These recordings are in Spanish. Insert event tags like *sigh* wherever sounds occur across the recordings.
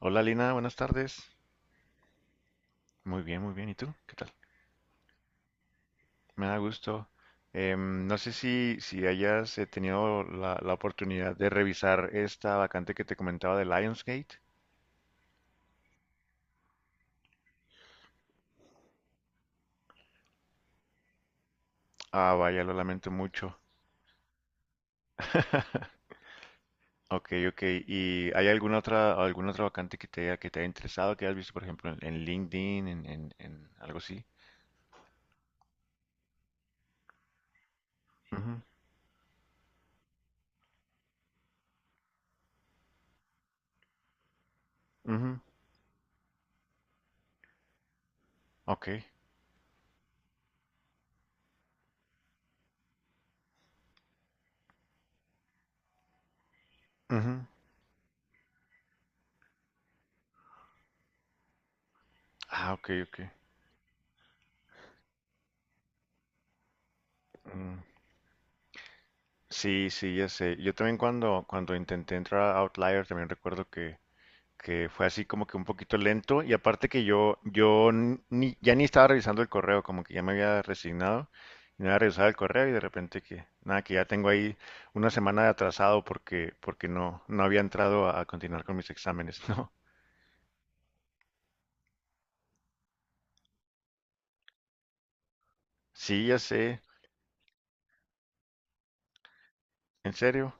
Hola Lina, buenas tardes. Muy bien, muy bien. ¿Y tú? ¿Qué tal? Me da gusto. No sé si hayas tenido la oportunidad de revisar esta vacante que te comentaba de Lionsgate. Ah, vaya, lo lamento mucho. *laughs* Ok, ok. ¿Y hay alguna otra vacante que te haya interesado, que hayas visto, por ejemplo, en LinkedIn, en algo así? Ujú, ujú. Ok. Ujú. Ah, ok, ok. Mm. Sí, sí, ya sé. Yo también cuando intenté entrar a Outlier también recuerdo que fue así como que un poquito lento y aparte que yo n- ni, ya ni estaba revisando el correo, como que ya me había resignado y no había revisado el correo y de repente que, nada, que ya tengo ahí una semana de atrasado porque no había entrado a continuar con mis exámenes, *laughs* ¿no? Sí, ya sé, en serio.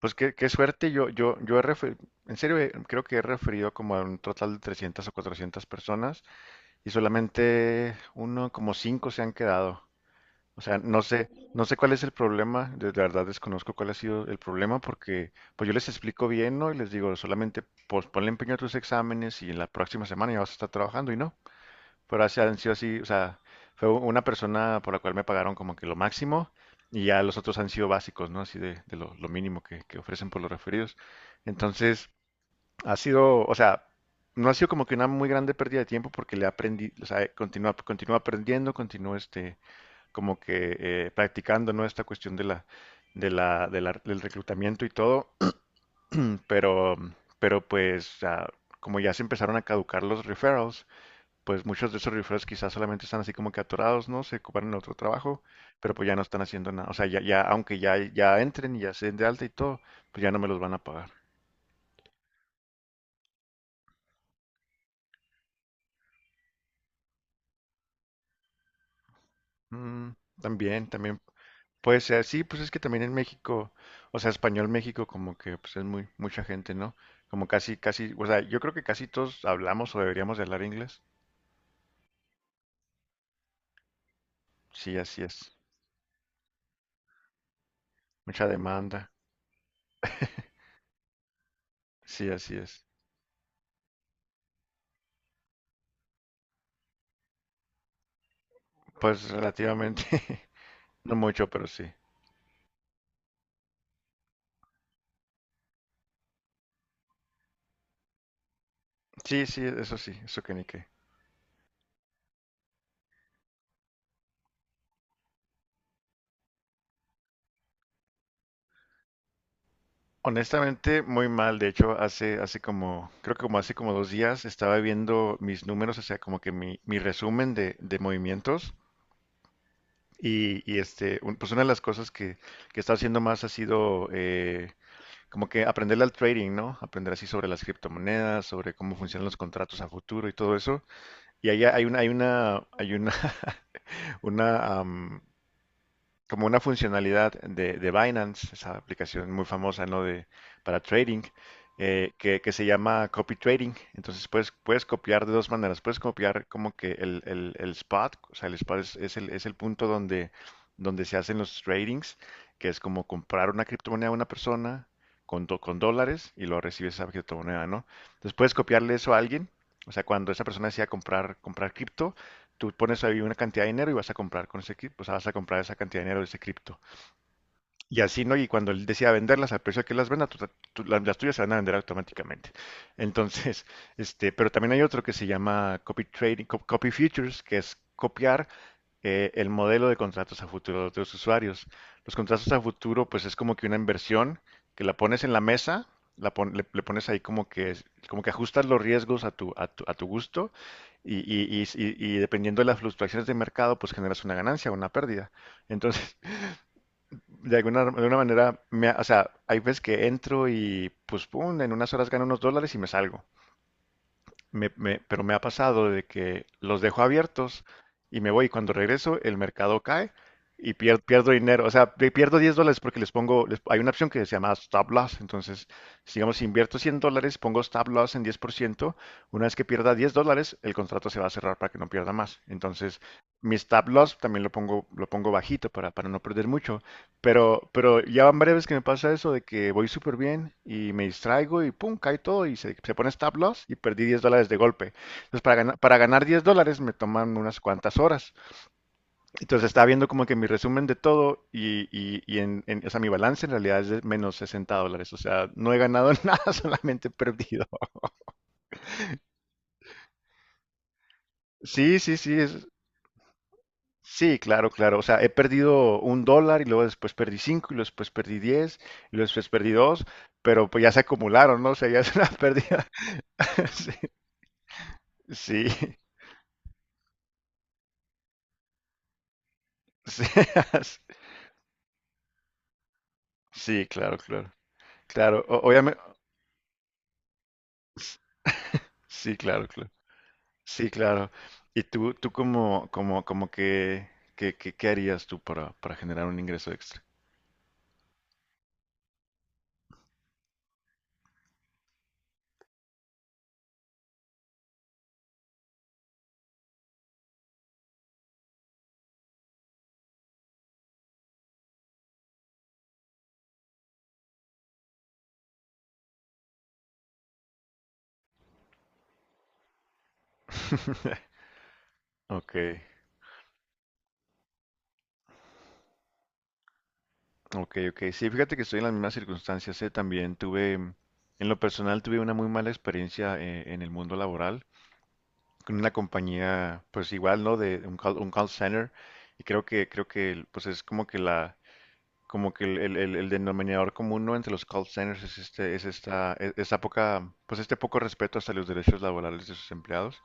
Pues qué suerte, yo he referido, en serio. Creo que he referido como a un total de 300 o 400 personas. Y solamente uno, como cinco se han quedado. O sea, no sé cuál es el problema, de la verdad desconozco cuál ha sido el problema, porque pues yo les explico bien, ¿no? Y les digo, solamente pues ponle empeño a tus exámenes y en la próxima semana ya vas a estar trabajando, y no. Pero así han sido, así, o sea, fue una persona por la cual me pagaron como que lo máximo, y ya los otros han sido básicos, ¿no? Así de lo mínimo que ofrecen por los referidos. Entonces, ha sido, o sea, no ha sido como que una muy grande pérdida de tiempo, porque le aprendí, o sea, continúa aprendiendo, continúa este, como que practicando, ¿no? Esta cuestión de del reclutamiento y todo, *clears throat* pero, pero pues, como ya se empezaron a caducar los referrals, pues muchos de esos referrals quizás solamente están así como que atorados, ¿no? Se ocuparon en otro trabajo, pero pues ya no están haciendo nada, o sea, ya, aunque ya entren y ya se den de alta y todo, pues ya no me los van a pagar. Mm, también, también. Puede ser, sí, pues es que también en México, o sea, español México como que pues es muy mucha gente, ¿no? Como casi, casi, o sea, yo creo que casi todos hablamos o deberíamos de hablar inglés. Sí, así es. Mucha demanda. Sí, así es. Pues relativamente, *laughs* no mucho, pero sí. Sí, sí, eso que ni qué. Honestamente, muy mal. De hecho, hace como, creo que como hace como 2 días estaba viendo mis números, o sea, como que mi resumen de movimientos. Y, este, pues una de las cosas que he estado haciendo más ha sido, como que aprenderle al trading, ¿no? Aprender así sobre las criptomonedas, sobre cómo funcionan los contratos a futuro y todo eso. Y ahí *laughs* *laughs* una, como una funcionalidad de Binance, esa aplicación muy famosa, ¿no? De, para trading, que se llama copy trading. Entonces puedes copiar de dos maneras. Puedes copiar como que el spot, o sea, el spot es el punto donde, donde se hacen los tradings, que es como comprar una criptomoneda a una persona con dólares y luego recibes esa criptomoneda, ¿no? Entonces puedes copiarle eso a alguien. O sea, cuando esa persona decía comprar cripto. Tú pones ahí una cantidad de dinero y vas a comprar con ese cripto, o sea, vas a comprar esa cantidad de dinero de ese cripto. Y así, ¿no? Y cuando él decida venderlas, al precio que las venda, las tuyas se van a vender automáticamente. Entonces, *laughs* este, pero también hay otro que se llama copy trading, copy futures, que es copiar el modelo de contratos a futuro de los usuarios. Los contratos a futuro, pues es como que una inversión que la pones en la mesa, le pones ahí como que ajustas los riesgos a tu gusto, y dependiendo de las fluctuaciones de mercado, pues generas una ganancia o una pérdida. Entonces, *laughs* de alguna manera, o sea, hay veces que entro y pues, pum, en unas horas gano unos dólares y me salgo. Pero me ha pasado de que los dejo abiertos y me voy, y cuando regreso el mercado cae y pierdo dinero. O sea, pierdo $10 porque hay una opción que se llama stop loss. Entonces, si, digamos, si invierto $100, pongo stop loss en 10%. Una vez que pierda $10, el contrato se va a cerrar para que no pierda más. Entonces, mi stop loss también lo pongo bajito para no perder mucho. Pero ya van varias veces que me pasa eso, de que voy súper bien y me distraigo y pum, cae todo y se pone stop loss, y perdí $10 de golpe. Entonces, para ganar $10 me toman unas cuantas horas. Entonces, estaba viendo como que mi resumen de todo y, y en o sea, mi balance en realidad es de -$60. O sea, no he ganado *laughs* nada, solamente he perdido. Sí, sí, sí, es. Sí, claro, claro. O sea, he perdido $1, y luego después perdí cinco, y luego después perdí diez, y luego después perdí dos, pero pues ya se acumularon, ¿no? O sea, ya *laughs* es una pérdida. *laughs* Sí, sí, sí, *laughs* sí, claro, claro. Claro, obviamente. Sí, claro, claro. Sí, claro. ¿Y tú qué harías tú para generar un ingreso extra? *laughs* Ok, ok, ok. Sí, fíjate que estoy en las mismas circunstancias. También tuve, en lo personal, tuve una muy mala experiencia en el mundo laboral, con una compañía, pues igual, ¿no? De un call, center. Y creo que pues es como que la, como que el denominador común, ¿no? Entre los call centers es este, es esta, e- esa poca, pues este poco respeto hacia los derechos laborales de sus empleados.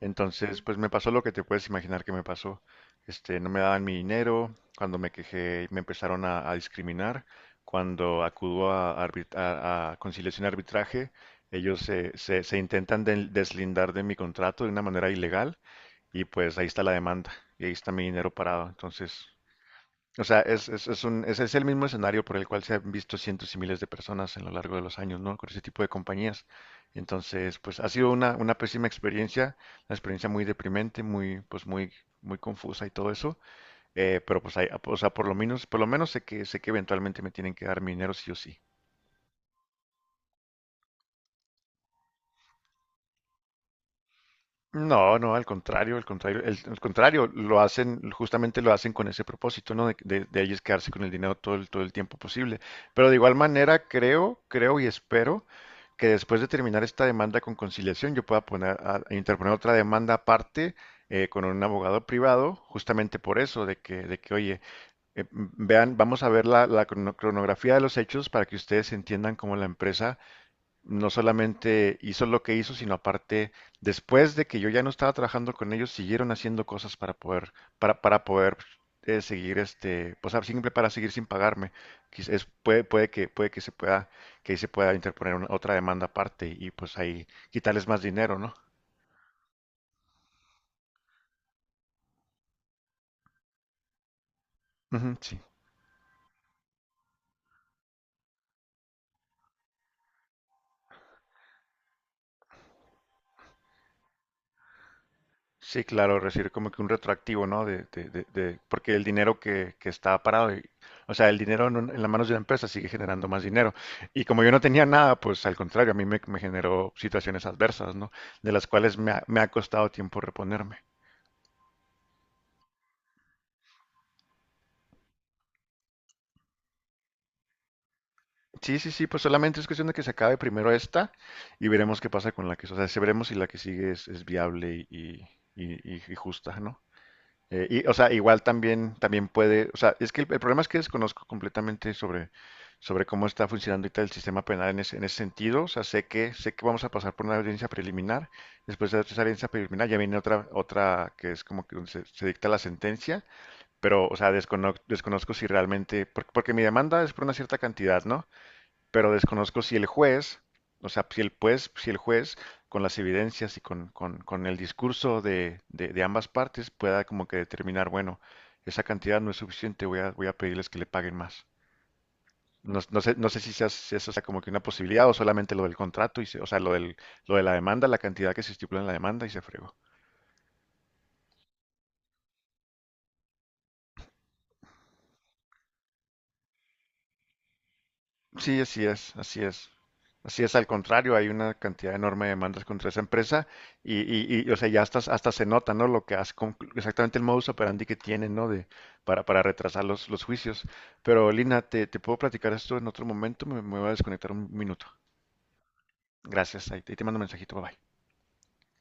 Entonces, pues me pasó lo que te puedes imaginar que me pasó. Este, no me daban mi dinero; cuando me quejé me empezaron a discriminar; cuando acudo a conciliación y arbitraje, ellos se intentan deslindar de mi contrato de una manera ilegal, y pues ahí está la demanda y ahí está mi dinero parado. Entonces, o sea, es el mismo escenario por el cual se han visto cientos y miles de personas en lo largo de los años, ¿no? Con ese tipo de compañías. Entonces, pues ha sido una pésima experiencia, una experiencia muy deprimente, muy confusa y todo eso. Pero pues hay, o sea, por lo menos sé que eventualmente me tienen que dar mi dinero sí o sí. No, no, al contrario, lo hacen, justamente lo hacen con ese propósito, ¿no? De ellos quedarse con el dinero todo el tiempo posible. Pero de igual manera, creo y espero que, después de terminar esta demanda con conciliación, yo pueda poner a interponer otra demanda aparte, con un abogado privado, justamente por eso, de que oye, vean, vamos a ver la cronografía de los hechos para que ustedes entiendan cómo la empresa no solamente hizo lo que hizo, sino aparte, después de que yo ya no estaba trabajando con ellos, siguieron haciendo cosas para poder, para poder seguir este, pues simple, para seguir sin pagarme. Puede que se pueda, que ahí se pueda interponer otra demanda aparte, y pues ahí quitarles más dinero, ¿no? Ujú, sí. Sí, claro, recibir como que un retroactivo, ¿no? Porque el dinero que está parado, o sea, el dinero en las manos de la empresa sigue generando más dinero. Y como yo no tenía nada, pues al contrario, a mí me generó situaciones adversas, ¿no? De las cuales me ha costado tiempo reponerme. Sí, sí, sí, pues solamente es cuestión de que se acabe primero esta, y veremos qué pasa con la que, o sea, si veremos si la que sigue es viable y, y justa, ¿no? Y, o sea, igual también puede, o sea, es que el problema es que desconozco completamente sobre, sobre cómo está funcionando ahorita el sistema penal en ese sentido. O sea, sé que vamos a pasar por una audiencia preliminar. Después de esa audiencia preliminar ya viene otra que es como que donde se dicta la sentencia. Pero, o sea, desconozco si realmente, porque mi demanda es por una cierta cantidad, ¿no? Pero desconozco si el juez, o sea, si el juez con las evidencias y con el discurso de ambas partes pueda como que determinar, bueno, esa cantidad no es suficiente, voy a, voy a pedirles que le paguen más. No, no sé si eso sea como que una posibilidad, o solamente lo del contrato, o sea, lo del, lo de la demanda, la cantidad que se estipula en la demanda, y se fregó. Sí, así es, así es. Así es, al contrario, hay una cantidad enorme de demandas contra esa empresa, y, y, o sea, ya hasta se nota, ¿no? Lo que hace, exactamente el modus operandi que tienen, ¿no? De, para retrasar los juicios. Pero, Lina, te puedo platicar esto en otro momento, me voy a desconectar un minuto. Gracias, ahí te mando un mensajito, bye bye.